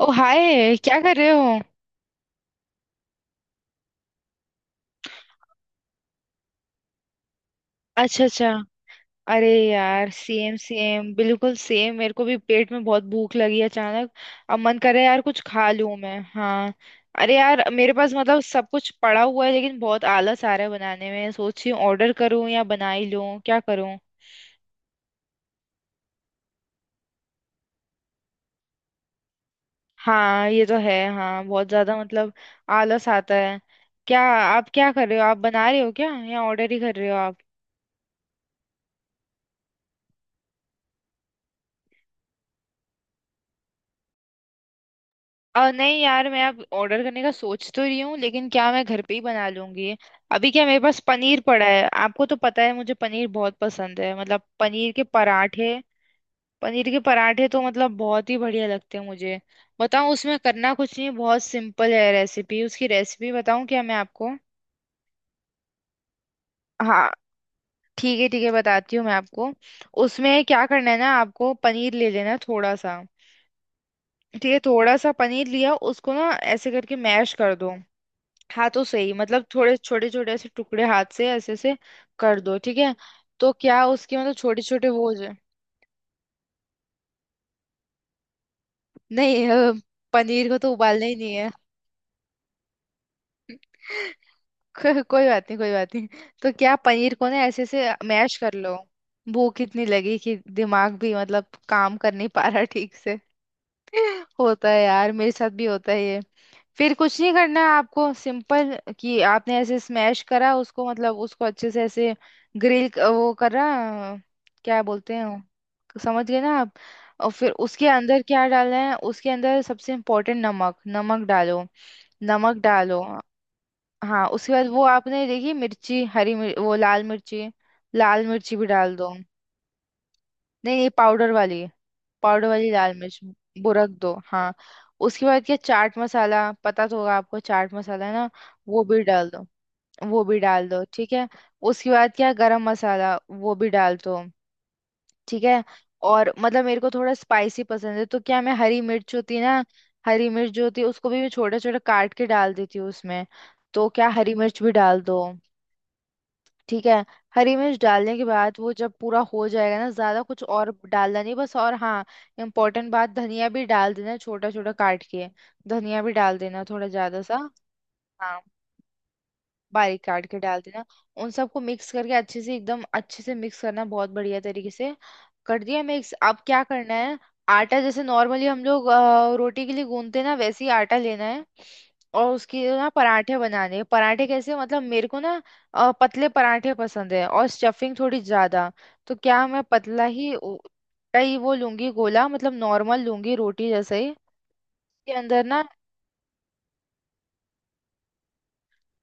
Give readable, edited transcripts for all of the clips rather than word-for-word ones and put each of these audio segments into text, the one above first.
ओ hi, क्या कर रहे हो। अच्छा अच्छा। अरे यार, सेम सेम बिल्कुल सेम, मेरे को भी पेट में बहुत भूख लगी अचानक। अब मन कर रहा है यार, कुछ खा लूं मैं। हाँ। अरे यार, मेरे पास मतलब सब कुछ पड़ा हुआ है, लेकिन बहुत आलस आ रहा है बनाने में। सोच रही हूँ ऑर्डर करूँ या बना ही लूँ, क्या करूँ। हाँ ये तो है। हाँ बहुत ज्यादा मतलब आलस आता है। क्या आप क्या कर रहे हो, आप बना रहे हो क्या या ऑर्डर ही कर रहे हो आप। नहीं यार, मैं अब ऑर्डर करने का सोच तो रही हूँ लेकिन, क्या मैं घर पे ही बना लूंगी। अभी क्या, मेरे पास पनीर पड़ा है। आपको तो पता है मुझे पनीर बहुत पसंद है, मतलब पनीर के पराठे। पनीर के पराठे तो मतलब बहुत ही बढ़िया लगते हैं मुझे। बताऊँ, उसमें करना कुछ नहीं, बहुत सिंपल है रेसिपी। उसकी रेसिपी बताऊँ क्या मैं आपको। हाँ। ठीक है ठीक है, बताती हूँ मैं आपको। उसमें क्या करना है ना, आपको पनीर ले लेना है थोड़ा सा। ठीक है, थोड़ा सा पनीर लिया, उसको ना ऐसे करके मैश कर दो। हाथों से ही, मतलब थोड़े छोटे छोटे ऐसे टुकड़े हाथ से ऐसे ऐसे कर दो, ठीक है। तो क्या उसके मतलब छोटे छोटे वो हो जाए। नहीं अ, पनीर को तो उबालना ही नहीं है। कोई बात नहीं, कोई बात नहीं। तो क्या, पनीर को ना ऐसे ऐसे मैश कर लो। भूख इतनी लगी कि दिमाग भी मतलब काम कर नहीं पा रहा ठीक से। होता है यार, मेरे साथ भी होता है ये। फिर कुछ नहीं करना है आपको, सिंपल, कि आपने ऐसे स्मैश करा उसको, मतलब उसको अच्छे से ऐसे ग्रिल वो करा, क्या बोलते हैं वो? समझ गए ना आप। और फिर उसके अंदर क्या डालना है, उसके अंदर सबसे इम्पोर्टेंट नमक, नमक डालो। नमक डालो। हाँ, उसके बाद वो आपने देखी मिर्ची, हरी मिर्च, वो लाल मिर्ची, लाल मिर्ची भी डाल दो। नहीं नहीं, पाउडर वाली। पाउडर वाली लाल मिर्च वो रख दो। हाँ, उसके बाद क्या चाट मसाला, पता तो होगा आपको चाट मसाला है ना, वो भी डाल दो। वो भी डाल दो ठीक है। उसके बाद क्या गरम मसाला, वो भी डाल दो। ठीक है। और मतलब मेरे को थोड़ा स्पाइसी पसंद है, तो क्या मैं हरी मिर्च होती है ना, हरी मिर्च जो होती है उसको भी मैं छोटा छोटा काट के डाल देती हूँ उसमें। तो क्या हरी मिर्च भी डाल दो, ठीक है। हरी मिर्च डालने के बाद वो जब पूरा हो जाएगा ना, ज्यादा कुछ और डालना नहीं बस, और हाँ इम्पोर्टेंट बात, धनिया भी डाल देना छोटा छोटा काट के। धनिया भी डाल देना थोड़ा ज्यादा सा। हाँ, बारीक काट के डाल देना। उन सबको मिक्स करके अच्छे से, एकदम अच्छे से मिक्स करना, बहुत बढ़िया तरीके से। कर दिया मिक्स, अब क्या करना है। आटा जैसे नॉर्मली हम लोग रोटी के लिए गूंथते ना, वैसे ही आटा लेना है। और उसके ना पराठे बनाने हैं। पराठे कैसे, मतलब मेरे को ना पतले पराठे पसंद है और स्टफिंग थोड़ी ज्यादा। तो क्या मैं पतला ही का ही वो लूंगी गोला, मतलब नॉर्मल लूंगी रोटी जैसे ही के अंदर ना।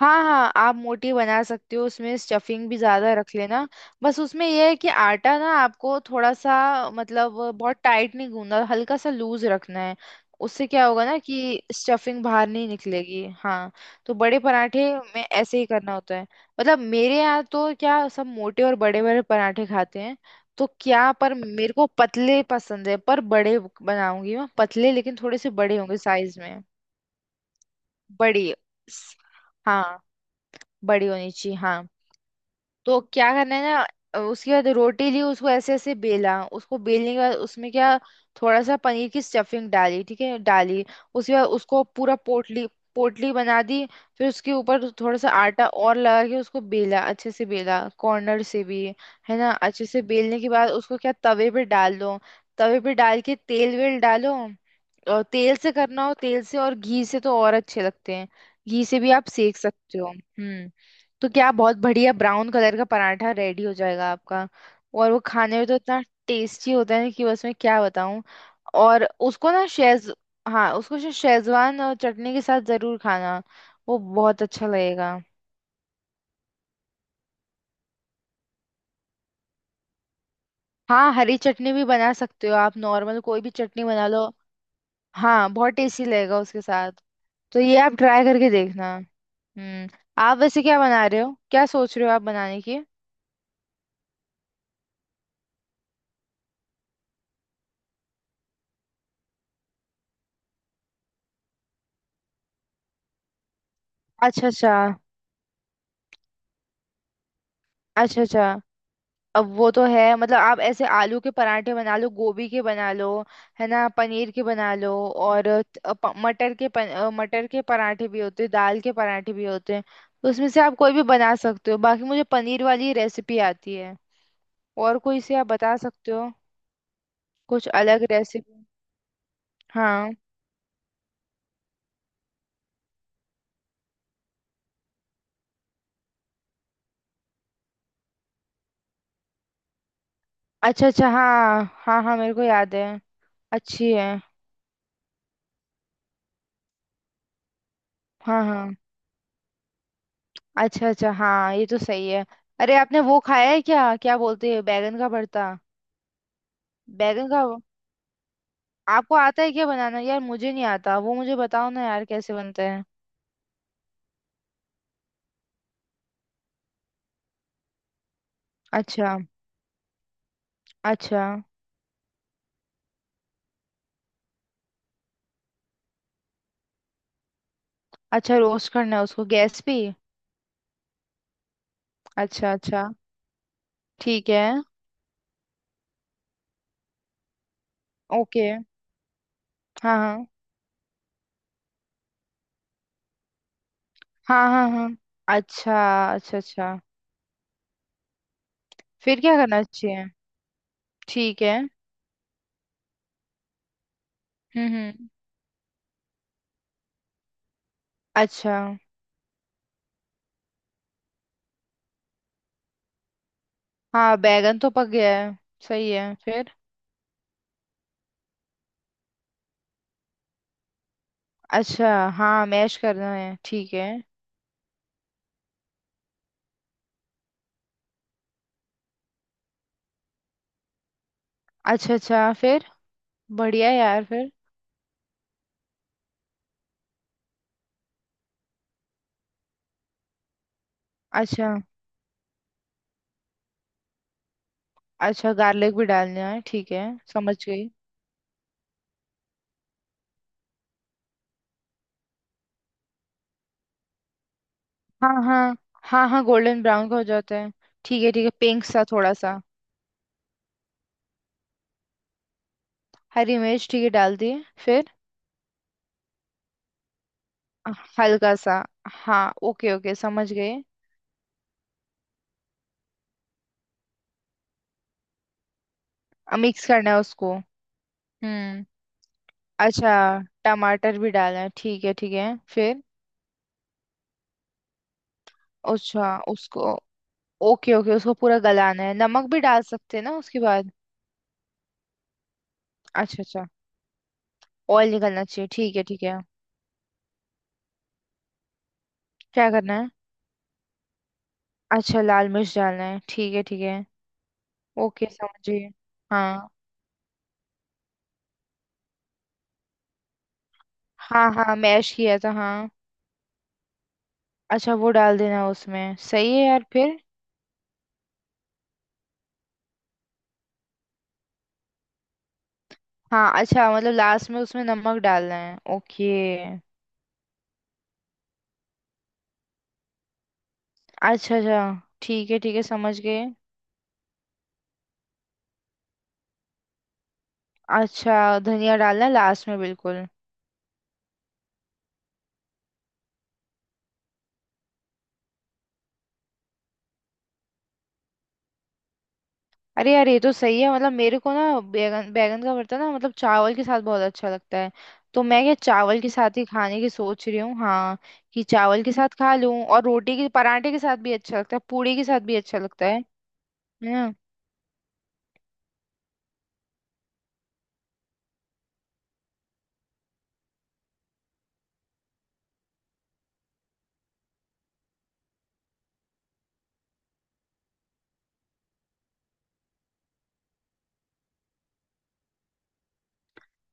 हाँ हाँ, आप मोटी बना सकते हो, उसमें स्टफिंग भी ज्यादा रख लेना। बस उसमें यह है कि आटा ना आपको थोड़ा सा, मतलब बहुत टाइट नहीं गूंदना, हल्का सा लूज रखना है। उससे क्या होगा ना कि स्टफिंग बाहर नहीं निकलेगी। हाँ, तो बड़े पराठे में ऐसे ही करना होता है। मतलब मेरे यहाँ तो क्या सब मोटे और बड़े बड़े पराठे खाते हैं। तो क्या, पर मेरे को पतले पसंद है, पर बड़े बनाऊंगी मैं, पतले लेकिन थोड़े से बड़े होंगे साइज में। बड़ी, हाँ बड़ी होनी चाहिए हाँ। तो क्या करना है ना, उसके बाद रोटी ली, उसको ऐसे ऐसे बेला, उसको बेलने के बाद उसमें क्या थोड़ा सा पनीर की स्टफिंग डाली, ठीक है डाली। उसके बाद उसको पूरा पोटली, पोटली बना दी। फिर उसके ऊपर थोड़ा सा आटा और लगा के उसको बेला, अच्छे से बेला कॉर्नर से भी, है ना। अच्छे से बेलने के बाद उसको क्या तवे पे डाल दो। तवे पे डाल के तेल वेल डालो। और तेल से करना हो तेल से, और घी से तो और अच्छे लगते हैं। घी से भी आप सेक सकते हो। हम्म, तो क्या बहुत बढ़िया ब्राउन कलर का पराठा रेडी हो जाएगा आपका। और वो खाने में तो इतना टेस्टी होता है कि बस, मैं क्या बताऊं। और उसको ना शेज, हाँ उसको शेजवान और चटनी के साथ जरूर खाना, वो बहुत अच्छा लगेगा। हाँ, हरी चटनी भी बना सकते हो आप, नॉर्मल कोई भी चटनी बना लो। हाँ, बहुत टेस्टी लगेगा उसके साथ। तो ये आप ट्राई करके देखना। हम्म। आप वैसे क्या बना रहे हो, क्या सोच रहे हो आप बनाने की। अच्छा अच्छा। अच्छा अच्छा। अब वो तो है, मतलब आप ऐसे आलू के पराठे बना लो, गोभी के बना लो, है ना, पनीर के बना लो, और मटर के मटर के पराठे भी होते हैं, दाल के पराठे भी होते हैं। तो उसमें से आप कोई भी बना सकते हो, बाकी मुझे पनीर वाली रेसिपी आती है। और कोई से आप बता सकते हो कुछ अलग रेसिपी। हाँ। अच्छा अच्छा, हाँ हाँ हाँ मेरे को याद है। अच्छी है। हाँ हाँ। अच्छा अच्छा, हाँ ये तो सही है। अरे आपने वो खाया है क्या, क्या बोलते हैं, बैगन का भरता। बैगन का। आपको आता है क्या बनाना यार, मुझे नहीं आता वो, मुझे बताओ ना यार कैसे बनते हैं। अच्छा। अच्छा। अच्छा, रोस्ट करना है उसको गैस पे। अच्छा अच्छा। ठीक है। ओके। हाँ हाँ। हाँ हाँ हाँ। अच्छा। अच्छा अच्छा। फिर क्या करना चाहिए। ठीक है। हम्म। अच्छा। हाँ बैगन तो पक गया है। सही है फिर। अच्छा, हाँ मैश करना है ठीक है। अच्छा अच्छा फिर। बढ़िया यार फिर। अच्छा, अच्छा गार्लिक भी डालना है ठीक है। समझ गई। हाँ हाँ। हाँ हाँ गोल्डन ब्राउन का हो जाता है। ठीक है ठीक है, पिंक सा थोड़ा सा। हरी मिर्च ठीक है, डाल दिए फिर। हल्का सा, हाँ ओके ओके समझ गए। अब मिक्स करना है उसको। हम्म। अच्छा, टमाटर भी डालना है, ठीक है ठीक है फिर। अच्छा उसको, ओके ओके उसको पूरा गलाना है, नमक भी डाल सकते हैं ना उसके बाद। अच्छा अच्छा, ऑयल निकलना चाहिए, ठीक है ठीक है। क्या करना है। अच्छा, लाल मिर्च डालना है ठीक है ठीक है। ओके समझिए। हाँ हाँ, हाँ मैश किया था हाँ। अच्छा वो डाल देना उसमें, सही है यार फिर। हाँ, अच्छा, मतलब लास्ट में उसमें नमक डालना है ओके। अच्छा अच्छा। ठीक है ठीक है, समझ गए। अच्छा, धनिया डालना है लास्ट में बिल्कुल। अरे यार ये तो सही है, मतलब मेरे को ना बैगन, बैगन का भरता ना मतलब चावल के साथ बहुत अच्छा लगता है। तो मैं क्या चावल के साथ ही खाने की सोच रही हूँ हाँ, कि चावल के साथ खा लूँ, और रोटी के, पराठे के साथ भी अच्छा लगता है, पूड़ी के साथ भी अच्छा लगता है ना।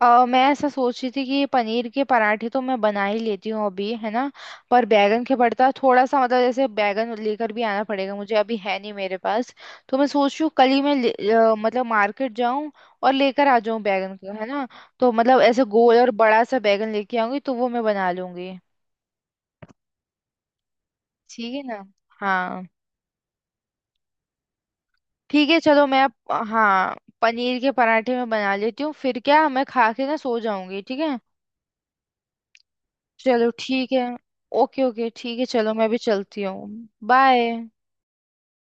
अ, मैं ऐसा सोच रही थी कि पनीर के पराठे तो मैं बना ही लेती हूँ अभी, है ना। पर बैगन के भरता थोड़ा सा, मतलब जैसे बैगन लेकर भी आना पड़ेगा, मुझे अभी है नहीं मेरे पास। तो मैं सोच रही हूँ कल ही मैं मतलब मार्केट जाऊँ और लेकर आ जाऊँ बैगन को, है ना। तो मतलब ऐसे गोल और बड़ा सा बैगन लेके आऊंगी, तो वो मैं बना लूंगी। ठीक है ना। हाँ ठीक है, चलो मैं हाँ पनीर के पराठे मैं बना लेती हूँ, फिर क्या मैं खा के ना सो जाऊंगी ठीक है। चलो ठीक है। ओके ओके ठीक है, चलो मैं भी चलती हूँ। बाय।